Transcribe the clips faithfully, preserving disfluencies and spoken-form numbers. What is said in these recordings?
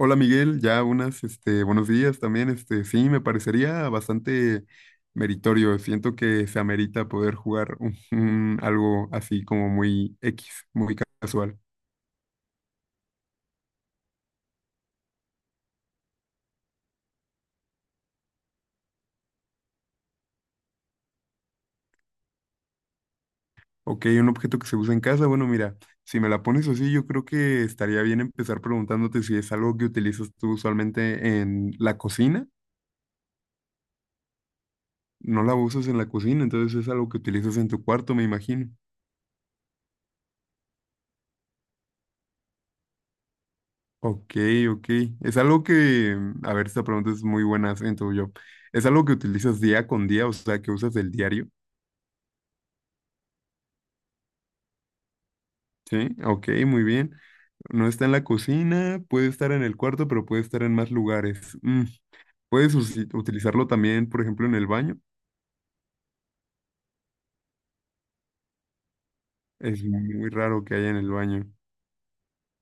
Hola Miguel, ya unas, este, buenos días también, este, sí, me parecería bastante meritorio, siento que se amerita poder jugar un- un algo así como muy X, muy casual. Ok, un objeto que se usa en casa, bueno, mira, si me la pones así, yo creo que estaría bien empezar preguntándote si es algo que utilizas tú usualmente en la cocina, no la usas en la cocina, entonces es algo que utilizas en tu cuarto, me imagino. Ok, ok. Es algo que, mm, a ver, esta pregunta es muy buena, siento yo. ¿Es algo que utilizas día con día, o sea, que usas del diario? Sí, ok, muy bien. No está en la cocina, puede estar en el cuarto, pero puede estar en más lugares. Mm, Puedes usi- utilizarlo también, por ejemplo, en el baño. Es muy raro que haya en el baño.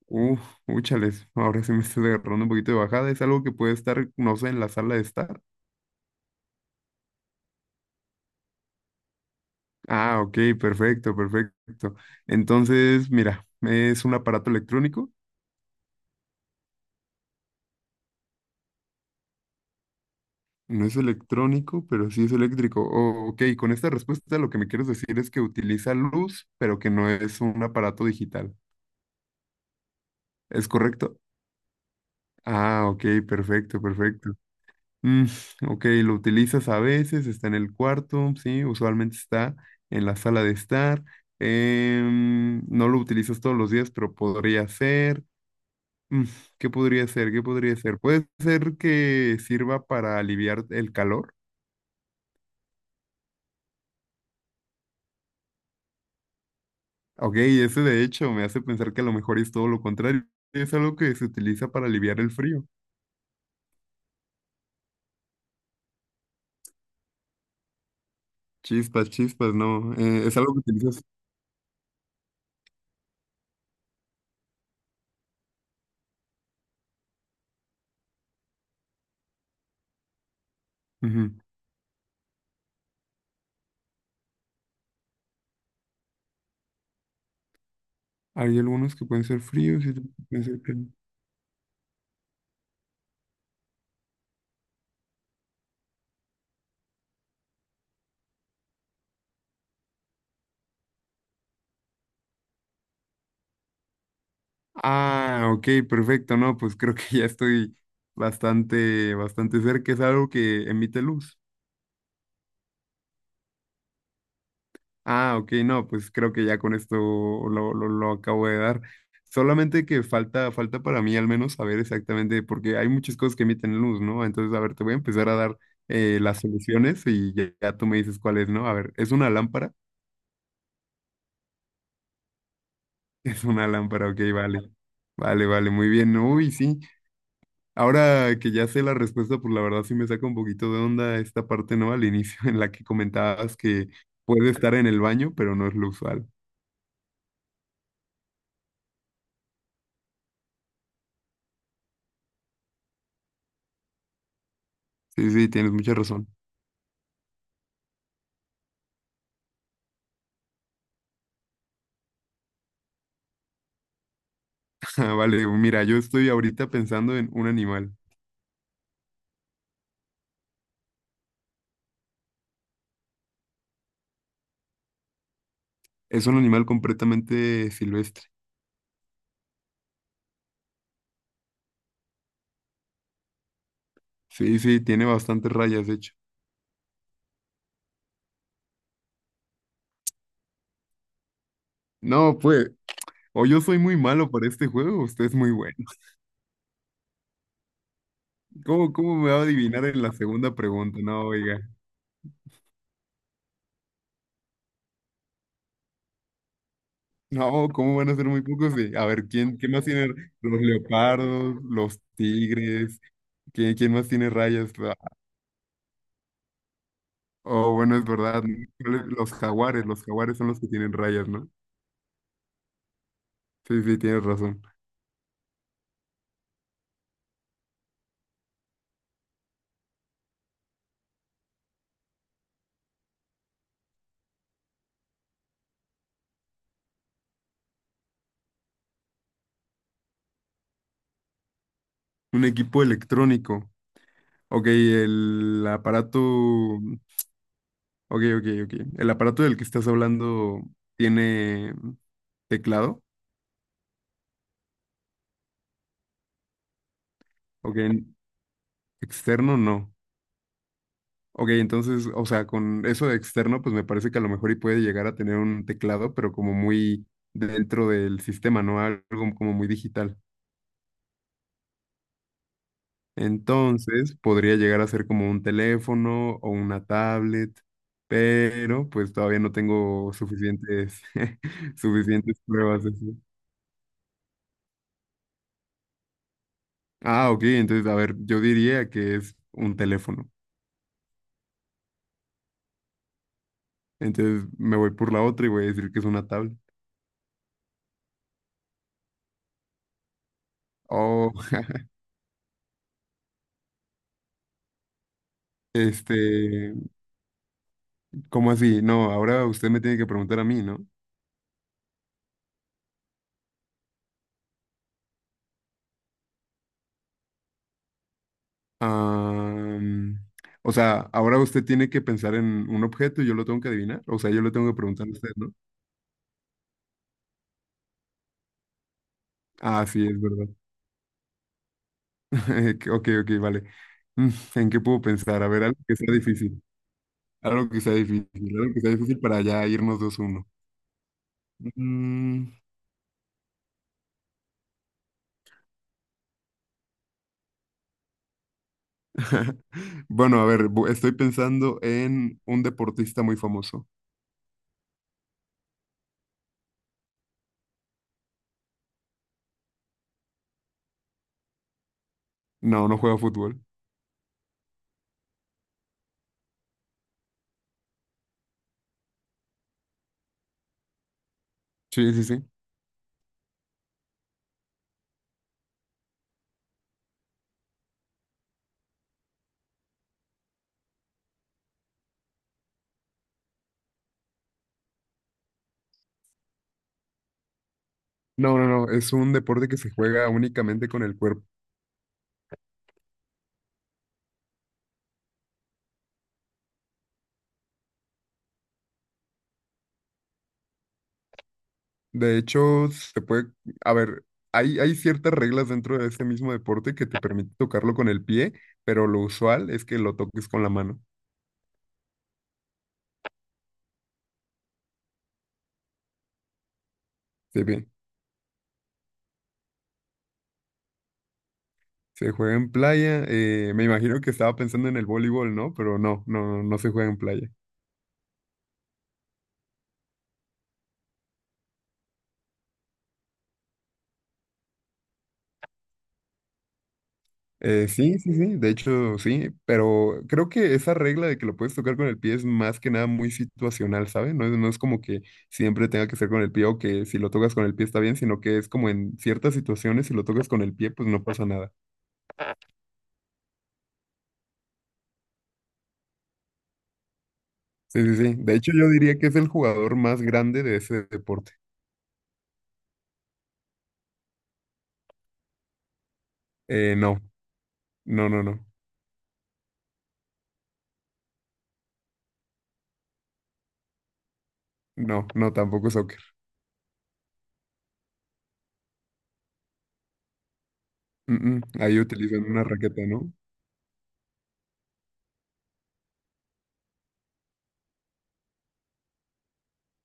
Uf, úchales, ahora sí me estoy agarrando un poquito de bajada. Es algo que puede estar, no sé, en la sala de estar. Ah, ok, perfecto, perfecto. Entonces, mira, es un aparato electrónico. No es electrónico, pero sí es eléctrico. Oh, ok, con esta respuesta lo que me quieres decir es que utiliza luz, pero que no es un aparato digital. ¿Es correcto? Ah, ok, perfecto, perfecto. Mm, ok, lo utilizas a veces, está en el cuarto, sí, usualmente está en la sala de estar. Em, no lo utilizas todos los días, pero podría ser. Mm, ¿qué podría ser? ¿Qué podría ser? Puede ser que sirva para aliviar el calor. Ok, eso de hecho me hace pensar que a lo mejor es todo lo contrario. Es algo que se utiliza para aliviar el frío. Chispas, chispas, no. eh, es algo que utilizas. Ujú. Hay algunos que pueden ser fríos y otros que pueden ser cálidos. Ah, ok, perfecto. No, pues creo que ya estoy bastante, bastante cerca. Es algo que emite luz. Ah, ok, no, pues creo que ya con esto lo, lo, lo acabo de dar. Solamente que falta, falta para mí al menos saber exactamente, porque hay muchas cosas que emiten luz, ¿no? Entonces, a ver, te voy a empezar a dar eh, las soluciones y ya, ya tú me dices cuál es, ¿no? A ver, ¿es una lámpara? Es una lámpara, ok, vale. Vale, vale, muy bien. Uy, sí. Ahora que ya sé la respuesta, pues la verdad sí me saca un poquito de onda esta parte, ¿no? Al inicio en la que comentabas que puede estar en el baño, pero no es lo usual. Sí, sí, tienes mucha razón. Ah, vale, mira, yo estoy ahorita pensando en un animal. Es un animal completamente silvestre. Sí, sí, tiene bastantes rayas, de hecho. No, pues, o yo soy muy malo para este juego, o usted es muy bueno. ¿Cómo, cómo me va a adivinar en la segunda pregunta? No, oiga. No, ¿cómo van a ser muy pocos? Sí, a ver, ¿quién, quién más tiene los leopardos, los tigres? ¿Quién, quién más tiene rayas? Ah, oh, bueno, es verdad. ¿No? Los jaguares, los jaguares son los que tienen rayas, ¿no? Sí, sí, tienes razón. Un equipo electrónico. Ok, el aparato. Ok, ok, ok. El aparato del que estás hablando tiene teclado. Ok, externo no. Ok, entonces, o sea, con eso de externo, pues me parece que a lo mejor y puede llegar a tener un teclado, pero como muy dentro del sistema, ¿no? Algo como muy digital. Entonces, podría llegar a ser como un teléfono o una tablet, pero pues todavía no tengo suficientes, suficientes pruebas. De eso. Ah, ok, entonces, a ver, yo diría que es un teléfono. Entonces me voy por la otra y voy a decir que es una tablet. Oh, este, ¿cómo así? No, ahora usted me tiene que preguntar a mí, ¿no? Ah, o sea, ahora usted tiene que pensar en un objeto y yo lo tengo que adivinar. O sea, yo le tengo que preguntar a usted, ¿no? Ah, sí, es verdad. Que- Ok, ok, vale. Mm, ¿en qué puedo pensar? A ver, algo que sea difícil. Algo que sea difícil, algo que sea difícil para ya irnos dos uno. Bueno, a ver, bu- estoy pensando en un deportista muy famoso. No, no juega fútbol. Sí, sí, sí. No, no, no, es un deporte que se juega únicamente con el cuerpo. De hecho, se puede, a ver, hay, hay ciertas reglas dentro de este mismo deporte que te permite tocarlo con el pie, pero lo usual es que lo toques con la mano. Sí, bien. Se juega en playa. eh, me imagino que estaba pensando en el voleibol, ¿no? Pero no, no, no no se juega en playa. Eh, sí, sí, sí, de hecho sí, pero creo que esa regla de que lo puedes tocar con el pie es más que nada muy situacional, ¿sabes? No es, no es como que siempre tenga que ser con el pie o que si lo tocas con el pie está bien, sino que es como en ciertas situaciones si lo tocas con el pie pues no pasa nada. Sí, sí, sí, de hecho yo diría que es el jugador más grande de ese deporte. Eh, no, no, no, no, no, no, tampoco es soccer. Mm, mm, Ahí utilizan una raqueta, ¿no?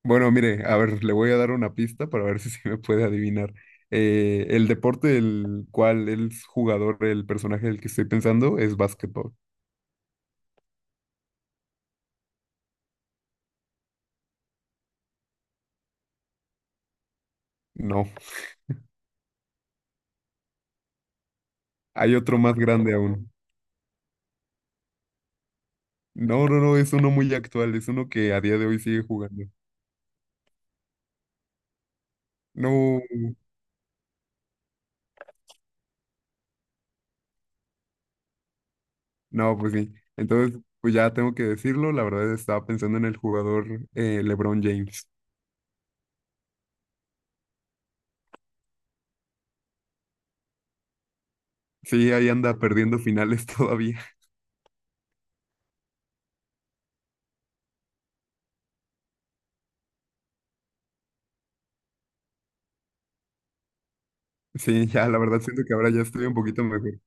Bueno, mire, a ver, le voy a dar una pista para ver si se me puede adivinar. Eh, el deporte del cual el jugador, el personaje del que estoy pensando, es básquetbol. No, hay otro más grande aún. No, no, no, es uno muy actual, es uno que a día de hoy sigue jugando. No, no, pues sí. Entonces, pues ya tengo que decirlo, la verdad estaba pensando en el jugador eh, LeBron James. Sí, ahí anda perdiendo finales todavía. Sí, ya, la verdad siento que ahora ya estoy un poquito mejor.